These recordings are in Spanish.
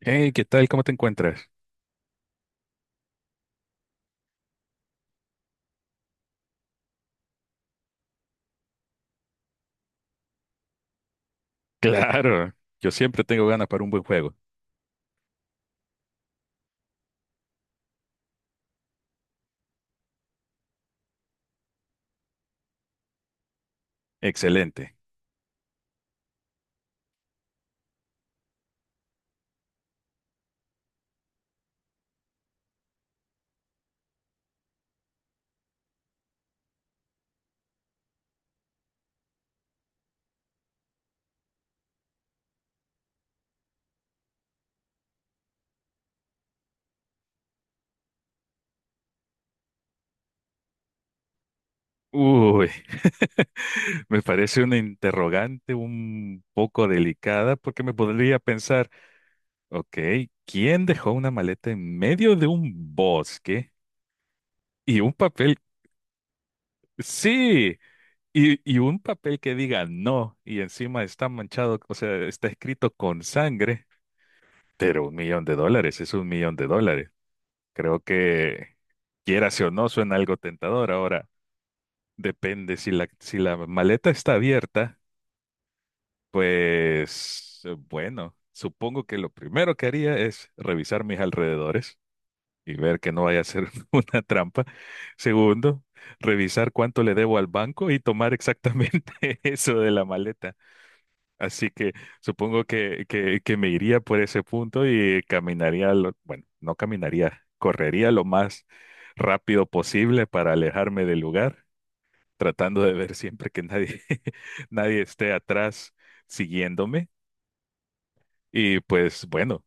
Hey, ¿qué tal? ¿Cómo te encuentras? Claro, yo siempre tengo ganas para un buen juego. Excelente. Uy, me parece una interrogante un poco delicada porque me podría pensar, ok, ¿quién dejó una maleta en medio de un bosque y un papel? Sí, y un papel que diga no y encima está manchado, o sea, está escrito con sangre, pero un millón de dólares es un millón de dólares. Creo que quieras o no, suena algo tentador. Ahora, depende, si la maleta está abierta, pues bueno, supongo que lo primero que haría es revisar mis alrededores y ver que no vaya a ser una trampa. Segundo, revisar cuánto le debo al banco y tomar exactamente eso de la maleta. Así que supongo que me iría por ese punto y caminaría, bueno, no caminaría, correría lo más rápido posible para alejarme del lugar tratando de ver siempre que nadie, nadie esté atrás siguiéndome. Y pues bueno,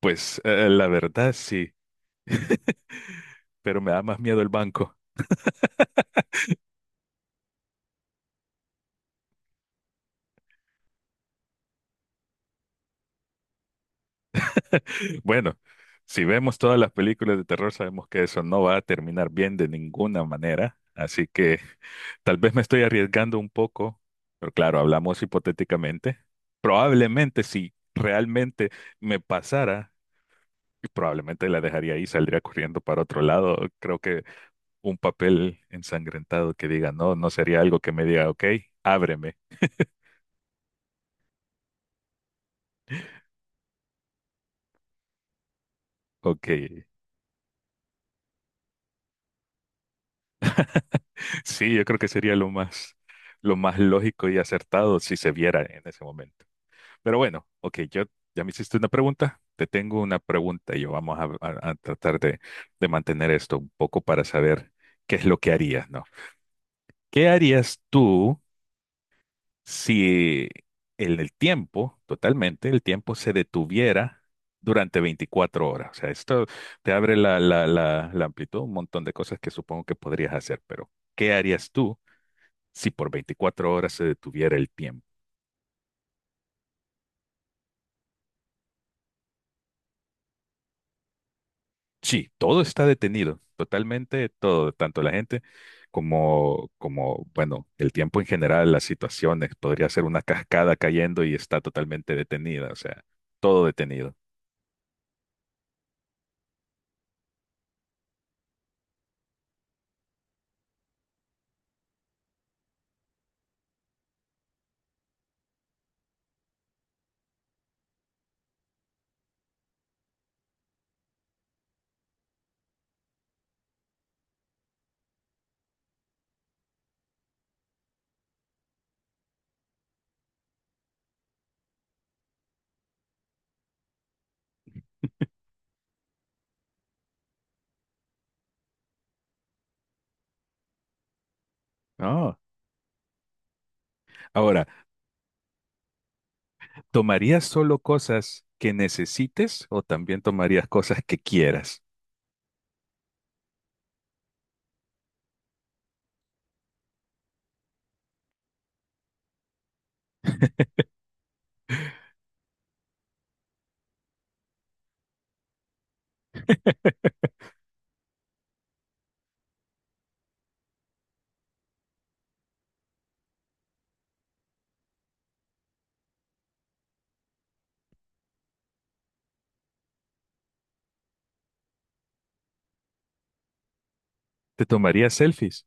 pues la verdad sí, pero me da más miedo el banco. Bueno, si vemos todas las películas de terror, sabemos que eso no va a terminar bien de ninguna manera. Así que tal vez me estoy arriesgando un poco, pero claro, hablamos hipotéticamente. Probablemente si realmente me pasara, y probablemente la dejaría ahí, saldría corriendo para otro lado. Creo que un papel ensangrentado que diga, no, no sería algo que me diga, ok, ábreme, ok. Sí, yo creo que sería lo más lógico y acertado si se viera en ese momento. Pero bueno, ok, yo ya me hiciste una pregunta, te tengo una pregunta y yo vamos a tratar de mantener esto un poco para saber qué es lo que harías, ¿no? ¿Qué harías tú? Si el tiempo, totalmente, el tiempo se detuviera durante 24 horas. O sea, esto te abre la amplitud, un montón de cosas que supongo que podrías hacer, pero ¿qué harías tú si por 24 horas se detuviera el tiempo? Sí, todo está detenido, totalmente, todo, tanto la gente bueno, el tiempo en general, las situaciones, podría ser una cascada cayendo y está totalmente detenida, o sea, todo detenido. No. Ahora, ¿tomarías solo cosas que necesites o también tomarías cosas que quieras? ¿Te tomarías selfies?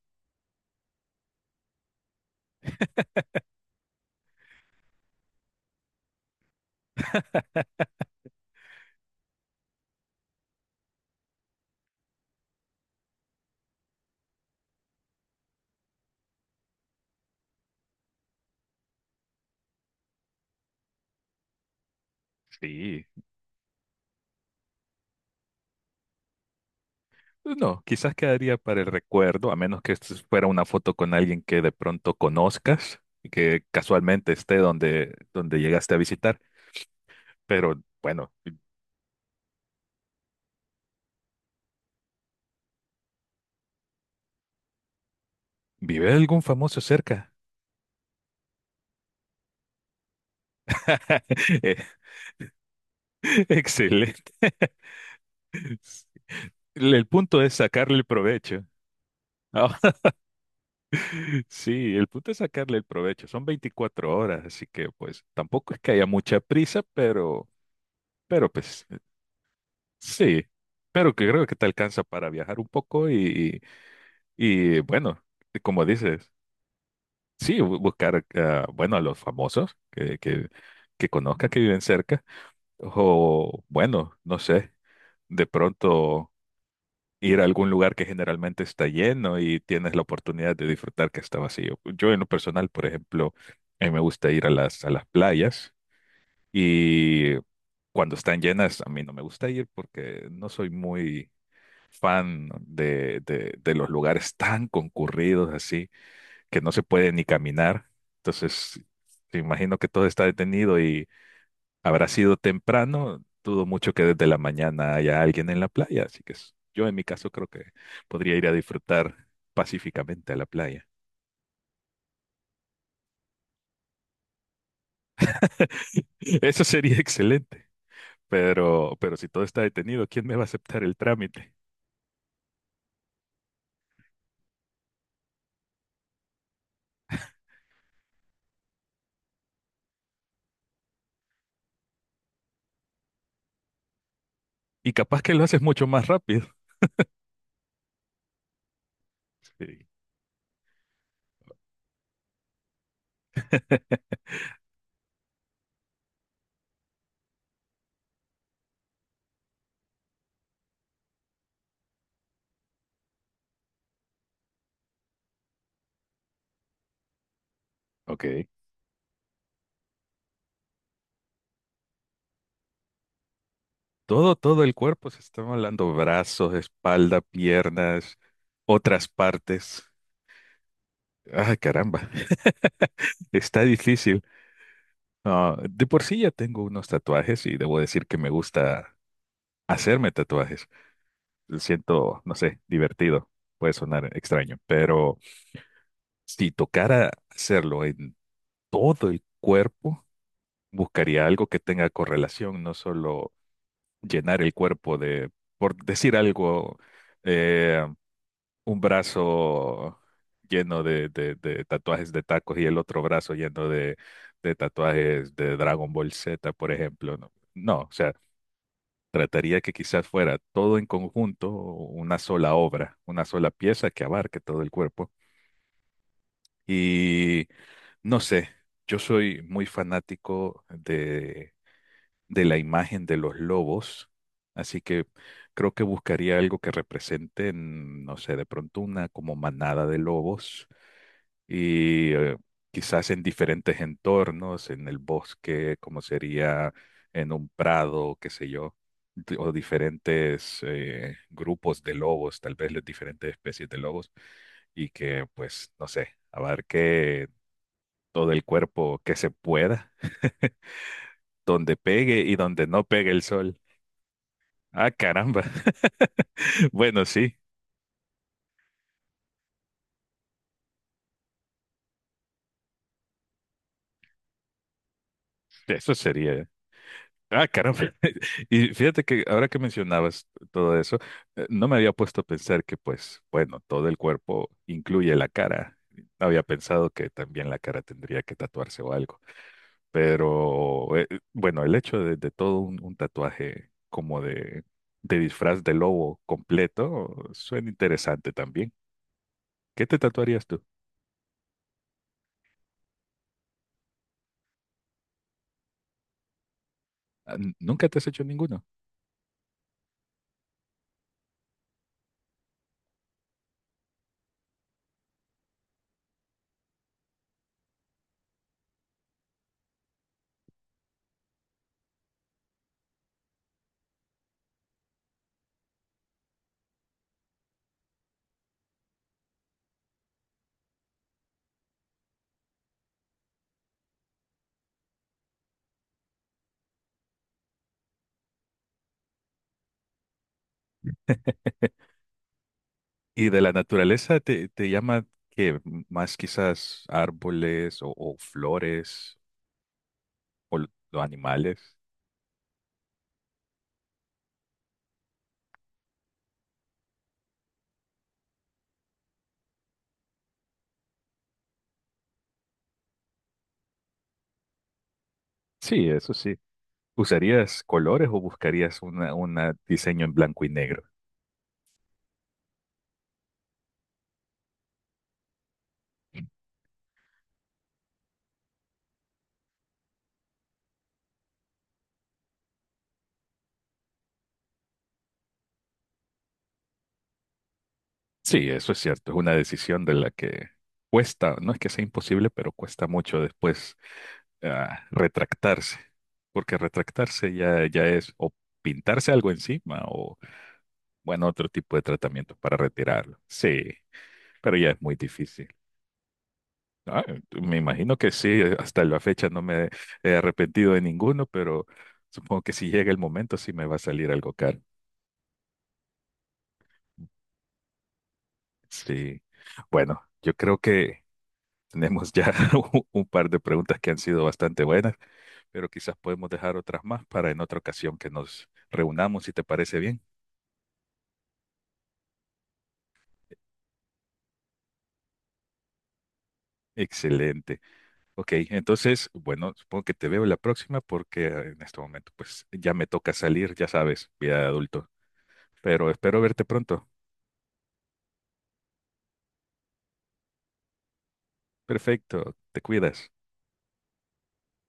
Sí. No, quizás quedaría para el recuerdo, a menos que esto fuera una foto con alguien que de pronto conozcas y que casualmente esté donde, donde llegaste a visitar. Pero bueno, ¿vive algún famoso cerca? Eh, excelente. El punto es sacarle provecho. Sí, el punto es sacarle el provecho. Son 24 horas, así que pues tampoco es que haya mucha prisa, pero pues sí. Pero que creo que te alcanza para viajar un poco bueno, como dices, sí, buscar, ah, bueno, a los famosos que conozca, que viven cerca, o bueno, no sé, de pronto. Ir a algún lugar que generalmente está lleno y tienes la oportunidad de disfrutar que está vacío. Yo en lo personal, por ejemplo, a mí me gusta ir a a las playas y cuando están llenas a mí no me gusta ir porque no soy muy fan de los lugares tan concurridos así que no se puede ni caminar. Entonces, te imagino que todo está detenido y habrá sido temprano, dudo mucho que desde la mañana haya alguien en la playa, así que yo en mi caso creo que podría ir a disfrutar pacíficamente a la playa. Eso sería excelente, pero si todo está detenido, ¿quién me va a aceptar el trámite? Y capaz que lo haces mucho más rápido. Sí. Ok. Todo el cuerpo, se está hablando brazos, espalda, piernas, otras partes. Ay, caramba, está difícil. Ah, de por sí ya tengo unos tatuajes y debo decir que me gusta hacerme tatuajes. Lo siento, no sé, divertido. Puede sonar extraño, pero si tocara hacerlo en todo el cuerpo, buscaría algo que tenga correlación, no solo llenar el cuerpo de, por decir algo, eh, un brazo lleno de, de tatuajes de tacos y el otro brazo lleno de tatuajes de Dragon Ball Z, por ejemplo, ¿no? No, o sea, trataría que quizás fuera todo en conjunto, una sola obra, una sola pieza que abarque todo el cuerpo. Y no sé, yo soy muy fanático de la imagen de los lobos, así que creo que buscaría algo que representen, no sé, de pronto una como manada de lobos y quizás en diferentes entornos, en el bosque, como sería en un prado, qué sé yo, o diferentes grupos de lobos, tal vez las diferentes especies de lobos, y que pues, no sé, abarque todo el cuerpo que se pueda, donde pegue y donde no pegue el sol. Ah, caramba. Bueno, sí, eso sería. Ah, caramba. Y fíjate que ahora que mencionabas todo eso, no me había puesto a pensar que, pues, bueno, todo el cuerpo incluye la cara. No había pensado que también la cara tendría que tatuarse o algo. Pero, bueno, el hecho de todo un tatuaje como de disfraz de lobo completo suena interesante también. ¿Qué te tatuarías tú? Ah, ¿nunca te has hecho ninguno? Y de la naturaleza te, te llama que más quizás árboles o flores o los animales. Sí, eso sí. ¿Usarías colores o buscarías una diseño en blanco y negro? Sí, eso es cierto. Es una decisión de la que cuesta, no es que sea imposible, pero cuesta mucho después ah, retractarse, porque retractarse ya, ya es o pintarse algo encima o, bueno, otro tipo de tratamiento para retirarlo. Sí, pero ya es muy difícil. Ah, me imagino que sí, hasta la fecha no me he arrepentido de ninguno, pero supongo que si llega el momento sí me va a salir algo caro. Sí. Bueno, yo creo que tenemos ya un par de preguntas que han sido bastante buenas, pero quizás podemos dejar otras más para en otra ocasión que nos reunamos, si te parece bien. Excelente. Ok, entonces, bueno, supongo que te veo la próxima porque en este momento pues ya me toca salir, ya sabes, vida de adulto, pero espero verte pronto. Perfecto, te cuidas.